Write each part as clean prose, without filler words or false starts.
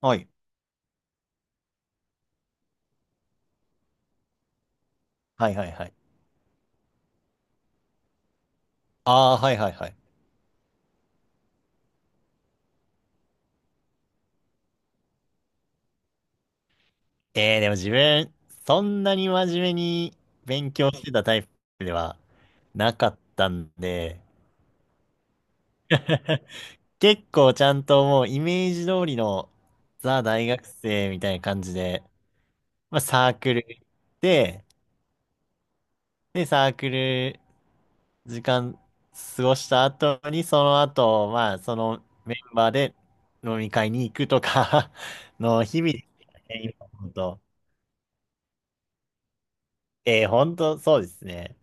はい。はいはいはい。ああ、はいはいはい。でも自分、そんなに真面目に勉強してたタイプではなかったんで、結構ちゃんともうイメージ通りのザ大学生みたいな感じで、サークル行って、で、サークル時間過ごした後に、その後、そのメンバーで飲み会に行くとか の日々ですね、今思うと。本当そうですね。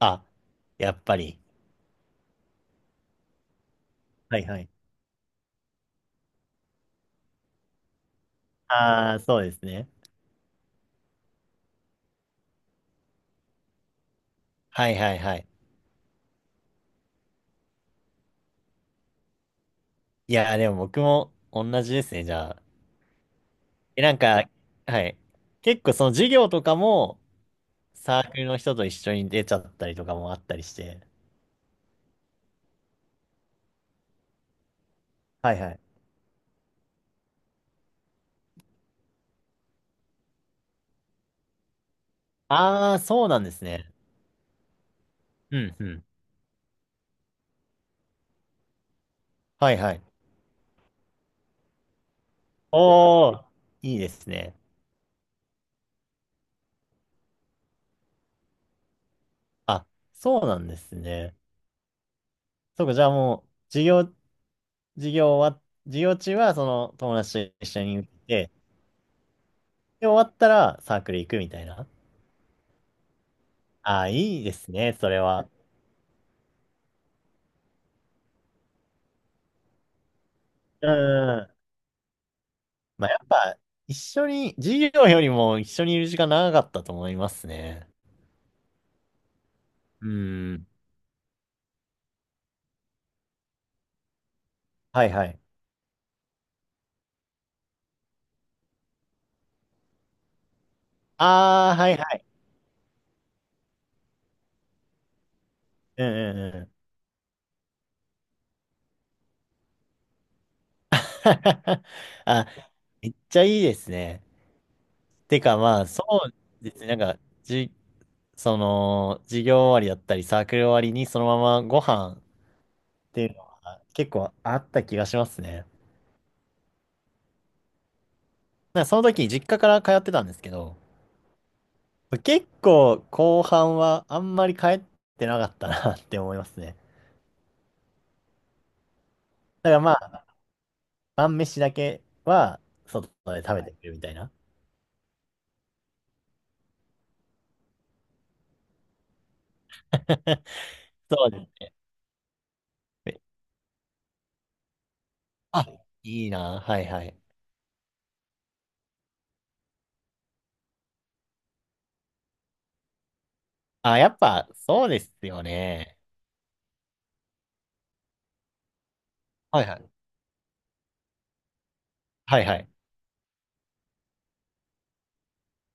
あ、やっぱり。はいはい。ああ、そうですね。はいはいはい。いやー、でも僕も同じですね、じゃあ。え、なんか、はい。結構その授業とかもサークルの人と一緒に出ちゃったりとかもあったりして。はいはい。ああ、そうなんですね。うんうん。はいはい。おー、いいですね。あ、そうなんですね。そうか、じゃあもう、授業中はその友達と一緒に行って、で、終わったらサークル行くみたいな。ああ、いいですね、それは。うん。まあ、やっぱ、一緒に、授業よりも一緒にいる時間長かったと思いますね。うん。はいはい。ああ、はいはい。うんうんうん。あ、めっちゃいいですね。てかまあ、そうですね。なんか、じ、その、授業終わりだったり、サークル終わりにそのままご飯っていうのは結構あった気がしますね。なんかその時、実家から通ってたんですけど、結構後半はあんまり帰ってなかったな って思いますね。だからまあ、晩飯だけは外で食べてくるみたいな。そうですね。あ、いいな。はいはい。あ、やっぱそうですよね。はいはい。はいはい。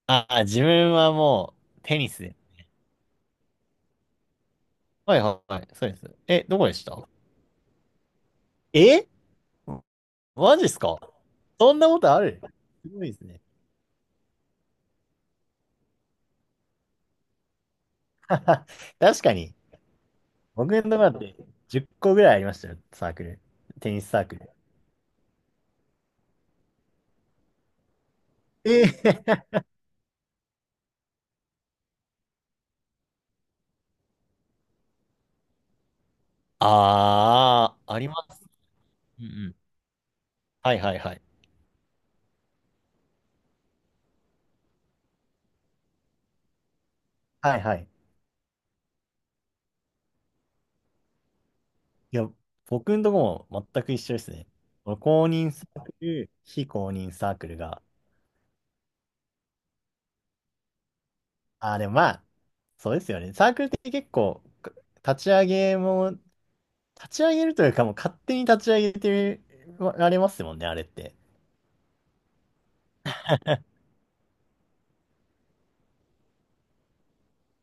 あ、自分はもうテニスで。はいはいはい。そうです。え、どこでした？え、マジっすか？そんなことある？すごいですね。確かに。僕のところだって10個ぐらいありましたよ、サークル。テニスサークル。ええ。ああ、あります。うんうん。はいはいはい。はいはい。いや、僕のとこも全く一緒ですね。公認サークル、非公認サークルが。ああ、でもまあ、そうですよね。サークルって結構、か立ち上げも、立ち上げるというか、もう勝手に立ち上げてられますもんね、あれって。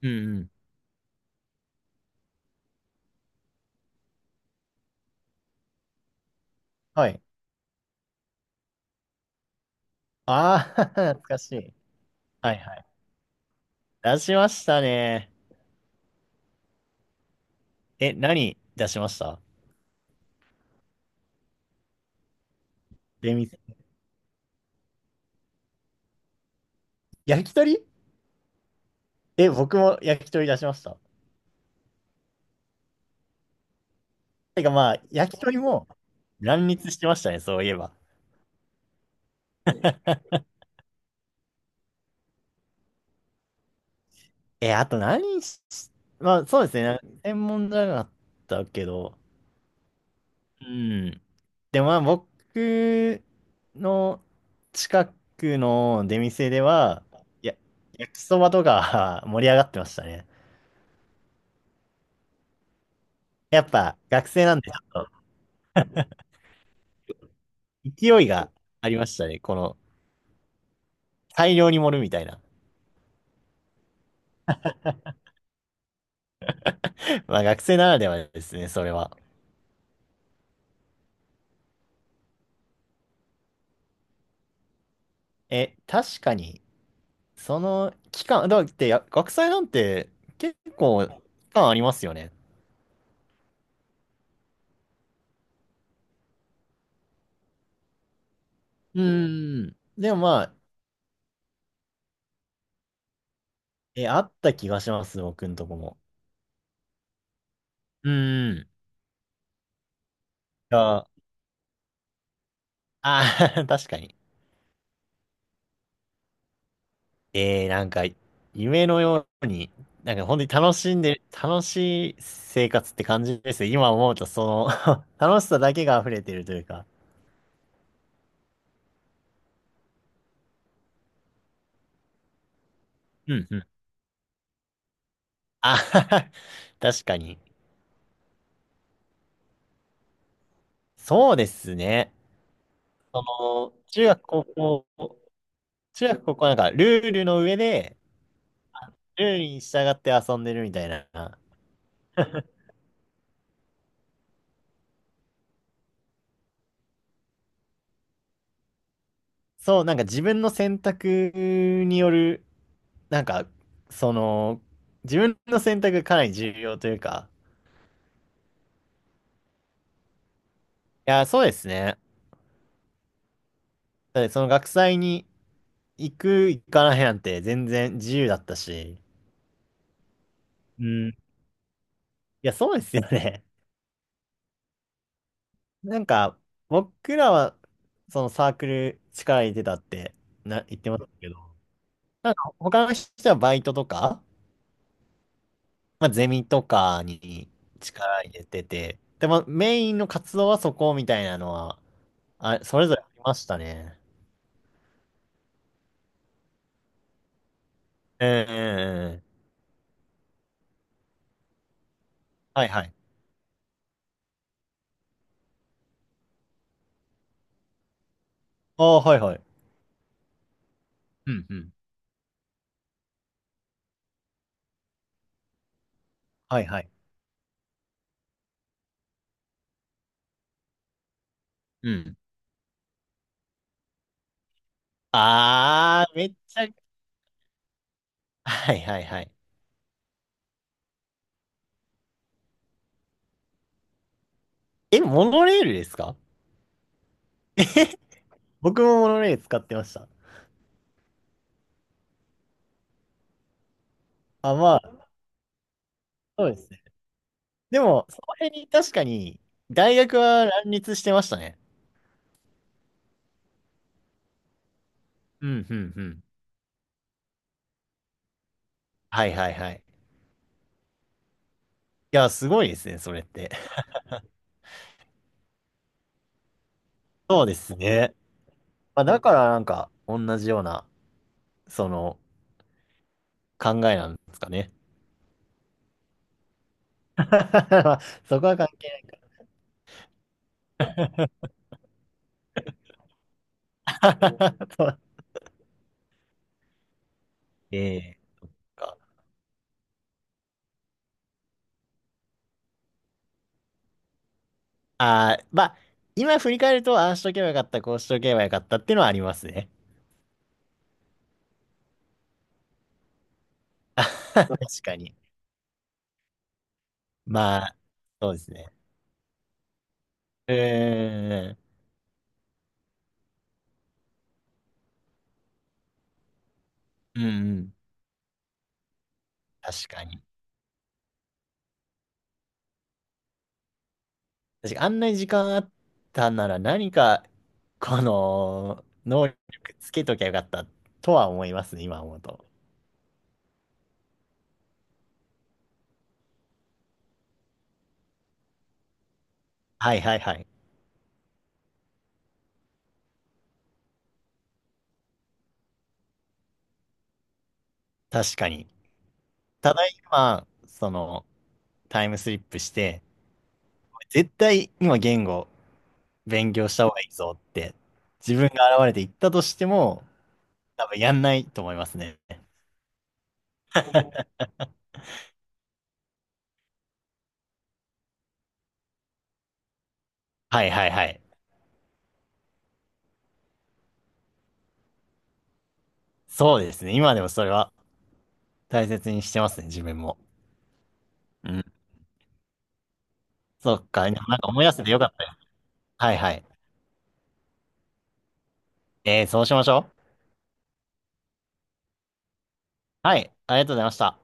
うんうん。はい。ああ、懐かしい。はいはい。出しましたね。え、何出しました？で、み焼き鳥？え、僕も焼き鳥出しました。てかまあ、焼き鳥も乱立してましたね、そういえば。え、あと何し、まあそうですね、専門じゃなかったけど、うん。でもまあ僕の近くの出店では、や、焼きそばとか 盛り上がってましたね。やっぱ学生なんでちょっと勢いがありましたね、この大量に盛るみたいな。まあ学生ならではですね、それは。え、確かに、その期間、だって学祭なんて結構期間ありますよね。うん。でもまあ、え、あった気がします、僕んとこも。うん。ああー、確かに。えー、なんか、夢のように、なんか本当に楽しんでる、楽しい生活って感じですね。今思うと、その 楽しさだけが溢れてるというか。うん、うん。あはは。 確かに。そうですね。その、中学、高校、中学、高校はなんか、ルールの上で、ルールに従って遊んでるみたいな。そう、なんか自分の選択による、なんか、その、自分の選択がかなり重要というか、いや、そうですね。だってその学祭に行く、行かないなんて全然自由だったし、うん。いや、そうですよね。なんか、僕らは、そのサークル力入れてたって言ってましたけど、なんか他の人はバイトとか、まあ、ゼミとかに力入れてて、でもメインの活動はそこみたいなのは、あ、それぞれありましたね。うんうんうん。はいはい。ああ、はいはい。うんうん。はいはい。うん。ああ、めっちゃ、はいはいはい。え、モノレールですか？僕もモノレール使ってました。あ、まあ、そうですね。でも、その辺に確かに、大学は乱立してましたね。うんうんうん。はいはいはい。いや、すごいですね、それって。そうですね。まあ、だからなんか、同じような、その、考えなんですかね。まあそこは関係ない。そう。ええ。ああー、まあ、今振り返ると、ああしとけばよかった、こうしとけばよかったっていうのはありますね。確かに。まあ、そうですね。うーん、うんうん、確かに。確かにあんなに時間あったなら何か、この、能力つけときゃよかったとは思いますね、今思うと。はいはいはい。確かに。ただ今、その、タイムスリップして、絶対今言語勉強した方がいいぞって、自分が現れて言ったとしても、多分やんないと思いますね。はいはいはい。そうですね。今でもそれは大切にしてますね、自分も。うん。そっか。なんか思い出せてよかったよ。はいはい。そうしましょう。はい、ありがとうございました。